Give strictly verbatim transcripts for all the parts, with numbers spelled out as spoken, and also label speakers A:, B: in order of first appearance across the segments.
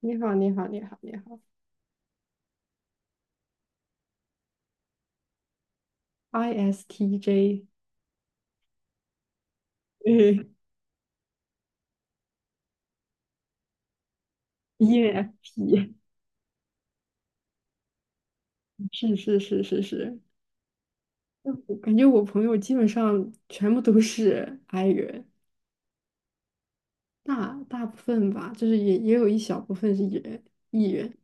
A: 你好，你好，你好，你好，I S T J。嗯 e n f p 是是是是是，嗯，我感觉我朋友基本上全部都是 I 人，大大部分吧，就是也也有一小部分是 E 人，E 人。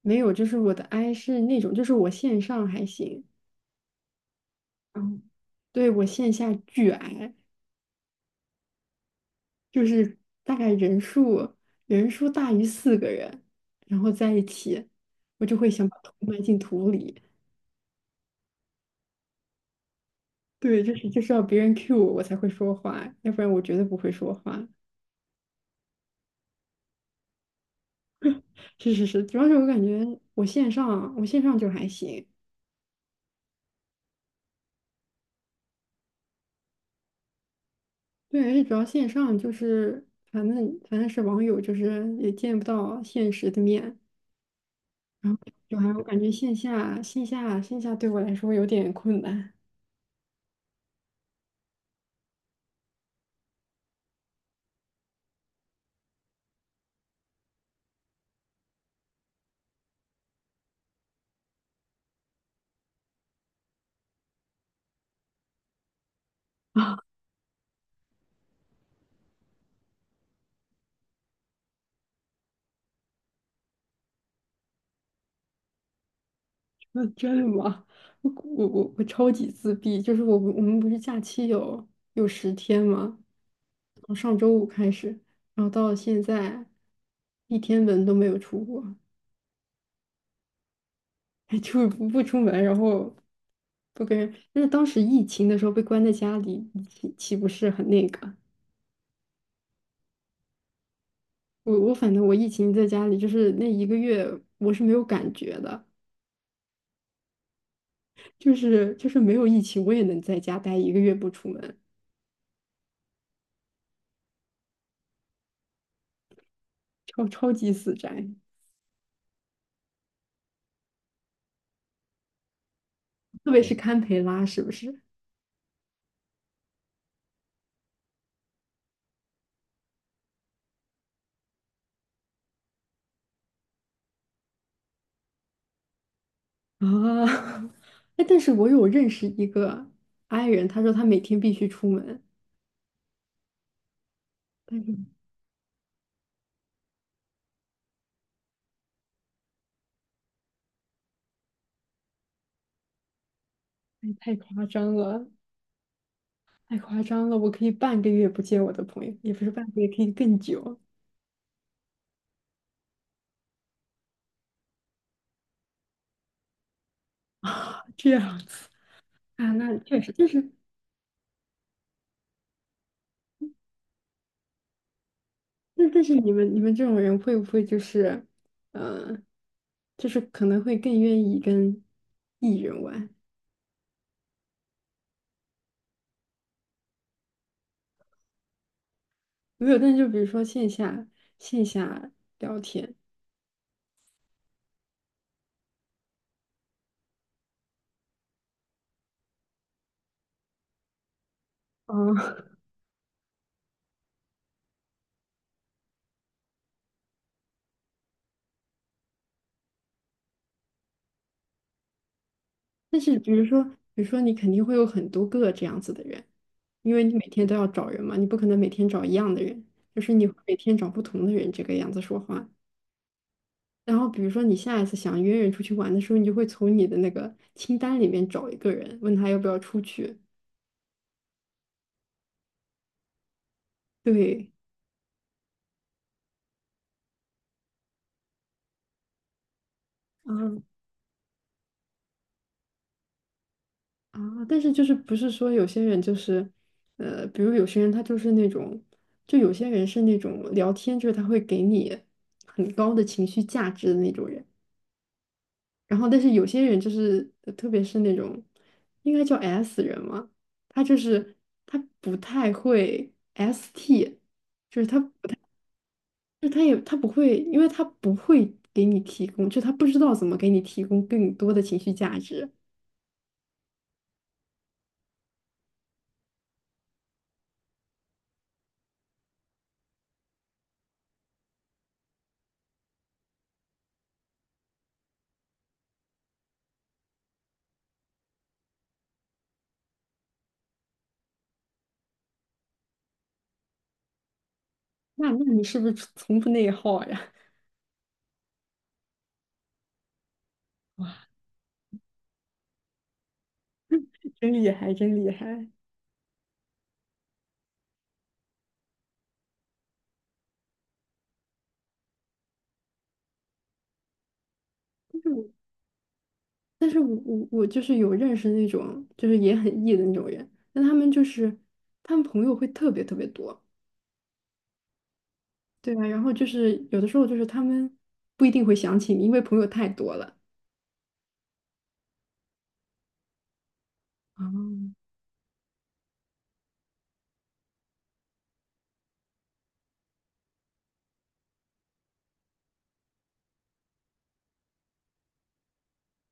A: 没有，就是我的 I 是那种，就是我线上还行。嗯，对，我线下巨 I，就是大概人数人数大于四个人，然后在一起，我就会想把头埋进土里。对，就是就是要别人 cue 我，我才会说话，要不然我绝对不会说话。是是是，主要是我感觉我线上，我线上就还行。对，而且主要线上就是，反正反正是网友，就是也见不到现实的面，然后就还我感觉线下线下线下对我来说有点困难。那真的吗？我我我我超级自闭，就是我我们不是假期有有十天吗？从上周五开始，然后到了现在，一天门都没有出过。就不不出门，然后不跟人。但是当时疫情的时候被关在家里，岂岂不是很那个？我我反正我疫情在家里，就是那一个月我是没有感觉的，就是就是没有疫情我也能在家待一个月不出门，超超级死宅。特别是堪培拉是不是啊？哎，但是我有认识一个 i 人，他说他每天必须出门，但是哎太夸张了，太夸张了，我可以半个月不见我的朋友，也不是半个月，可以更久。这样子啊，那确实，就是。那但是你们你们这种人会不会就是，嗯呃，就是可能会更愿意跟 E 人玩，没有，但就比如说线下线下聊天。哦，但是比如说，比如说你肯定会有很多个这样子的人，因为你每天都要找人嘛，你不可能每天找一样的人，就是你会每天找不同的人这个样子说话。然后比如说你下一次想约人出去玩的时候，你就会从你的那个清单里面找一个人，问他要不要出去。对。嗯，啊，但是就是不是说有些人就是，呃，比如有些人他就是那种，就有些人是那种聊天，就是他会给你很高的情绪价值的那种人。然后，但是有些人就是，呃特别是那种应该叫 S 人嘛，他就是他不太会 S T，就是他，就是他也他不会，因为他不会给你提供，就他不知道怎么给你提供更多的情绪价值。那那你是不是从不内耗呀？真厉害，真厉害。但是我，但是我我我就是有认识那种，就是也很 E 的那种人，但他们就是他们朋友会特别特别多。对啊，然后就是有的时候就是他们不一定会想起你，因为朋友太多了。啊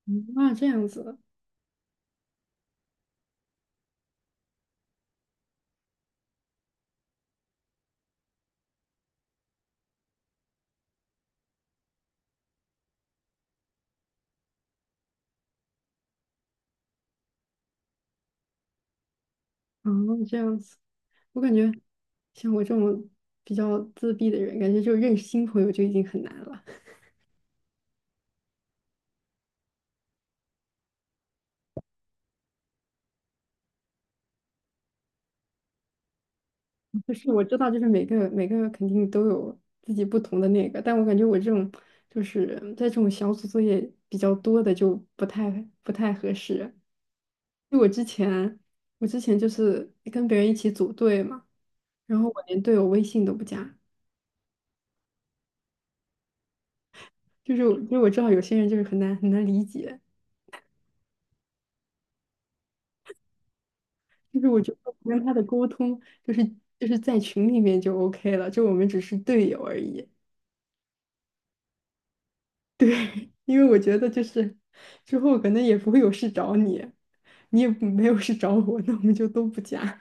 A: 那这样子，啊这样子。我感觉像我这种比较自闭的人，感觉就认识新朋友就已经很难了。就是我知道，就是每个每个肯定都有自己不同的那个，但我感觉我这种就是在这种小组作业比较多的就不太不太合适。就我之前我之前就是跟别人一起组队嘛。然后我连队友微信都不加，就是因为我知道有些人就是很难很难理解，就是我觉得我跟他的沟通就是就是在群里面就 OK 了，就我们只是队友而已。因为我觉得就是之后可能也不会有事找你，你也没有事找我，那我们就都不加。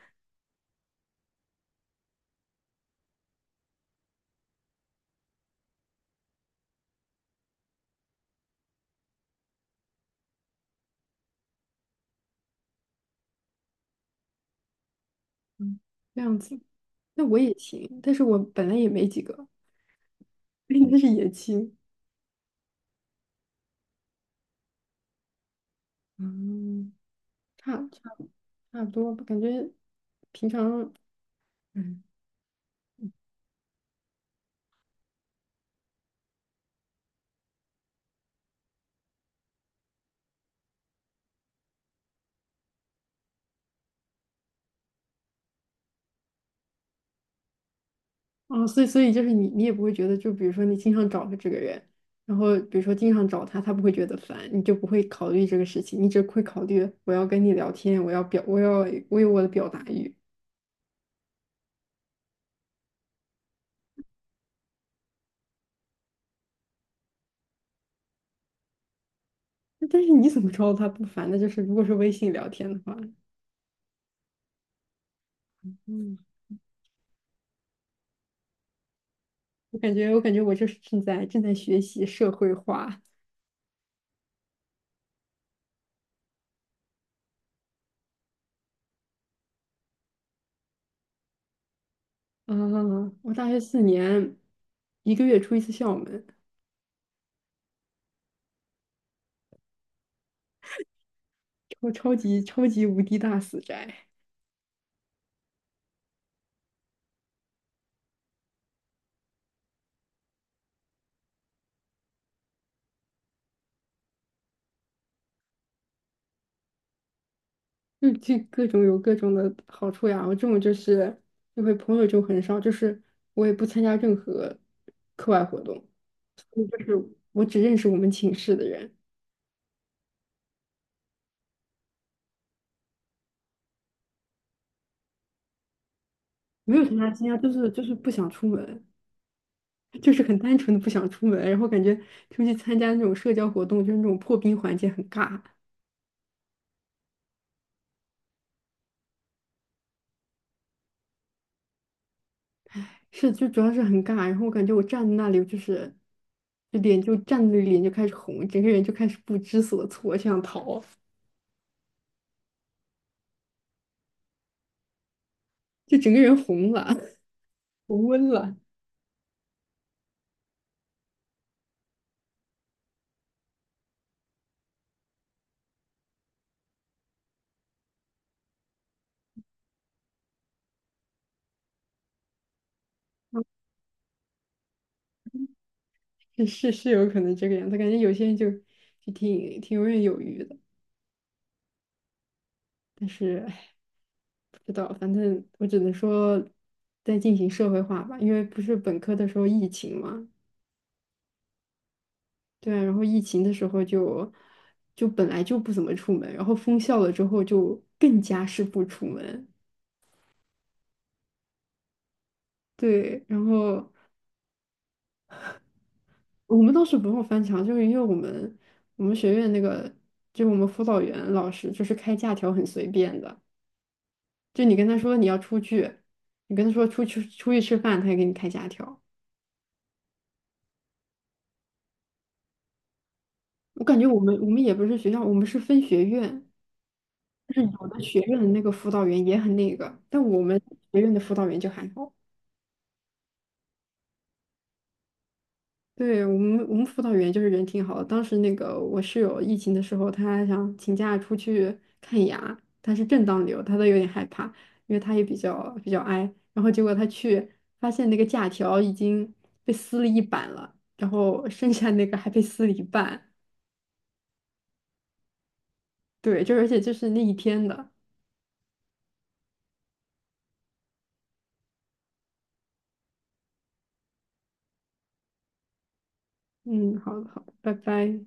A: 嗯，这样子。那我也行，但是我本来也没几个，应该是也行。嗯，差差差不多吧，感觉平常。嗯，哦，所以所以就是你，你也不会觉得，就比如说你经常找的这个人，然后比如说经常找他，他不会觉得烦，你就不会考虑这个事情，你只会考虑我要跟你聊天，我要表，我要我有我的表达欲。但是你怎么知道他不烦呢？就是如果是微信聊天的话，嗯，我感觉我感觉我就是正在正在学习社会化。啊，我大学四年，一个月出一次校门，超超级超级无敌大死宅。就就各种有各种的好处呀。我这种就是就会朋友就很少，就是我也不参加任何课外活动，所以就是我只认识我们寝室的人，没有参加参加，就是就是不想出门，就是很单纯的不想出门，然后感觉出去参加那种社交活动，就是那种破冰环节很尬。是就主要是很尬，然后我感觉我站在那里就是就脸就站在那里脸就开始红，整个人就开始不知所措，就想逃，就整个人红了。红温了。是是有可能这个样子，感觉有些人就就挺挺游刃有余的，但是唉，不知道，反正我只能说在进行社会化吧，因为不是本科的时候疫情嘛，对啊，然后疫情的时候就就本来就不怎么出门，然后封校了之后就更加是不出门。对，然后我们倒是不用翻墙，就是因为我们我们学院那个就我们辅导员老师就是开假条很随便的。就你跟他说你要出去，你跟他说出去出去吃饭，他也给你开假条。我感觉我们我们也不是学校，我们是分学院，就是有的学院的那个辅导员也很那个，但我们学院的辅导员就还好。对，我们我们辅导员就是人挺好的。当时那个我室友疫情的时候，他想请假出去看牙，他是正当理由，他都有点害怕，因为他也比较比较 i。然后结果他去发现那个假条已经被撕了一半了，然后剩下那个还被撕了一半。对，就而且就是那一天的。嗯，好的好的，拜拜。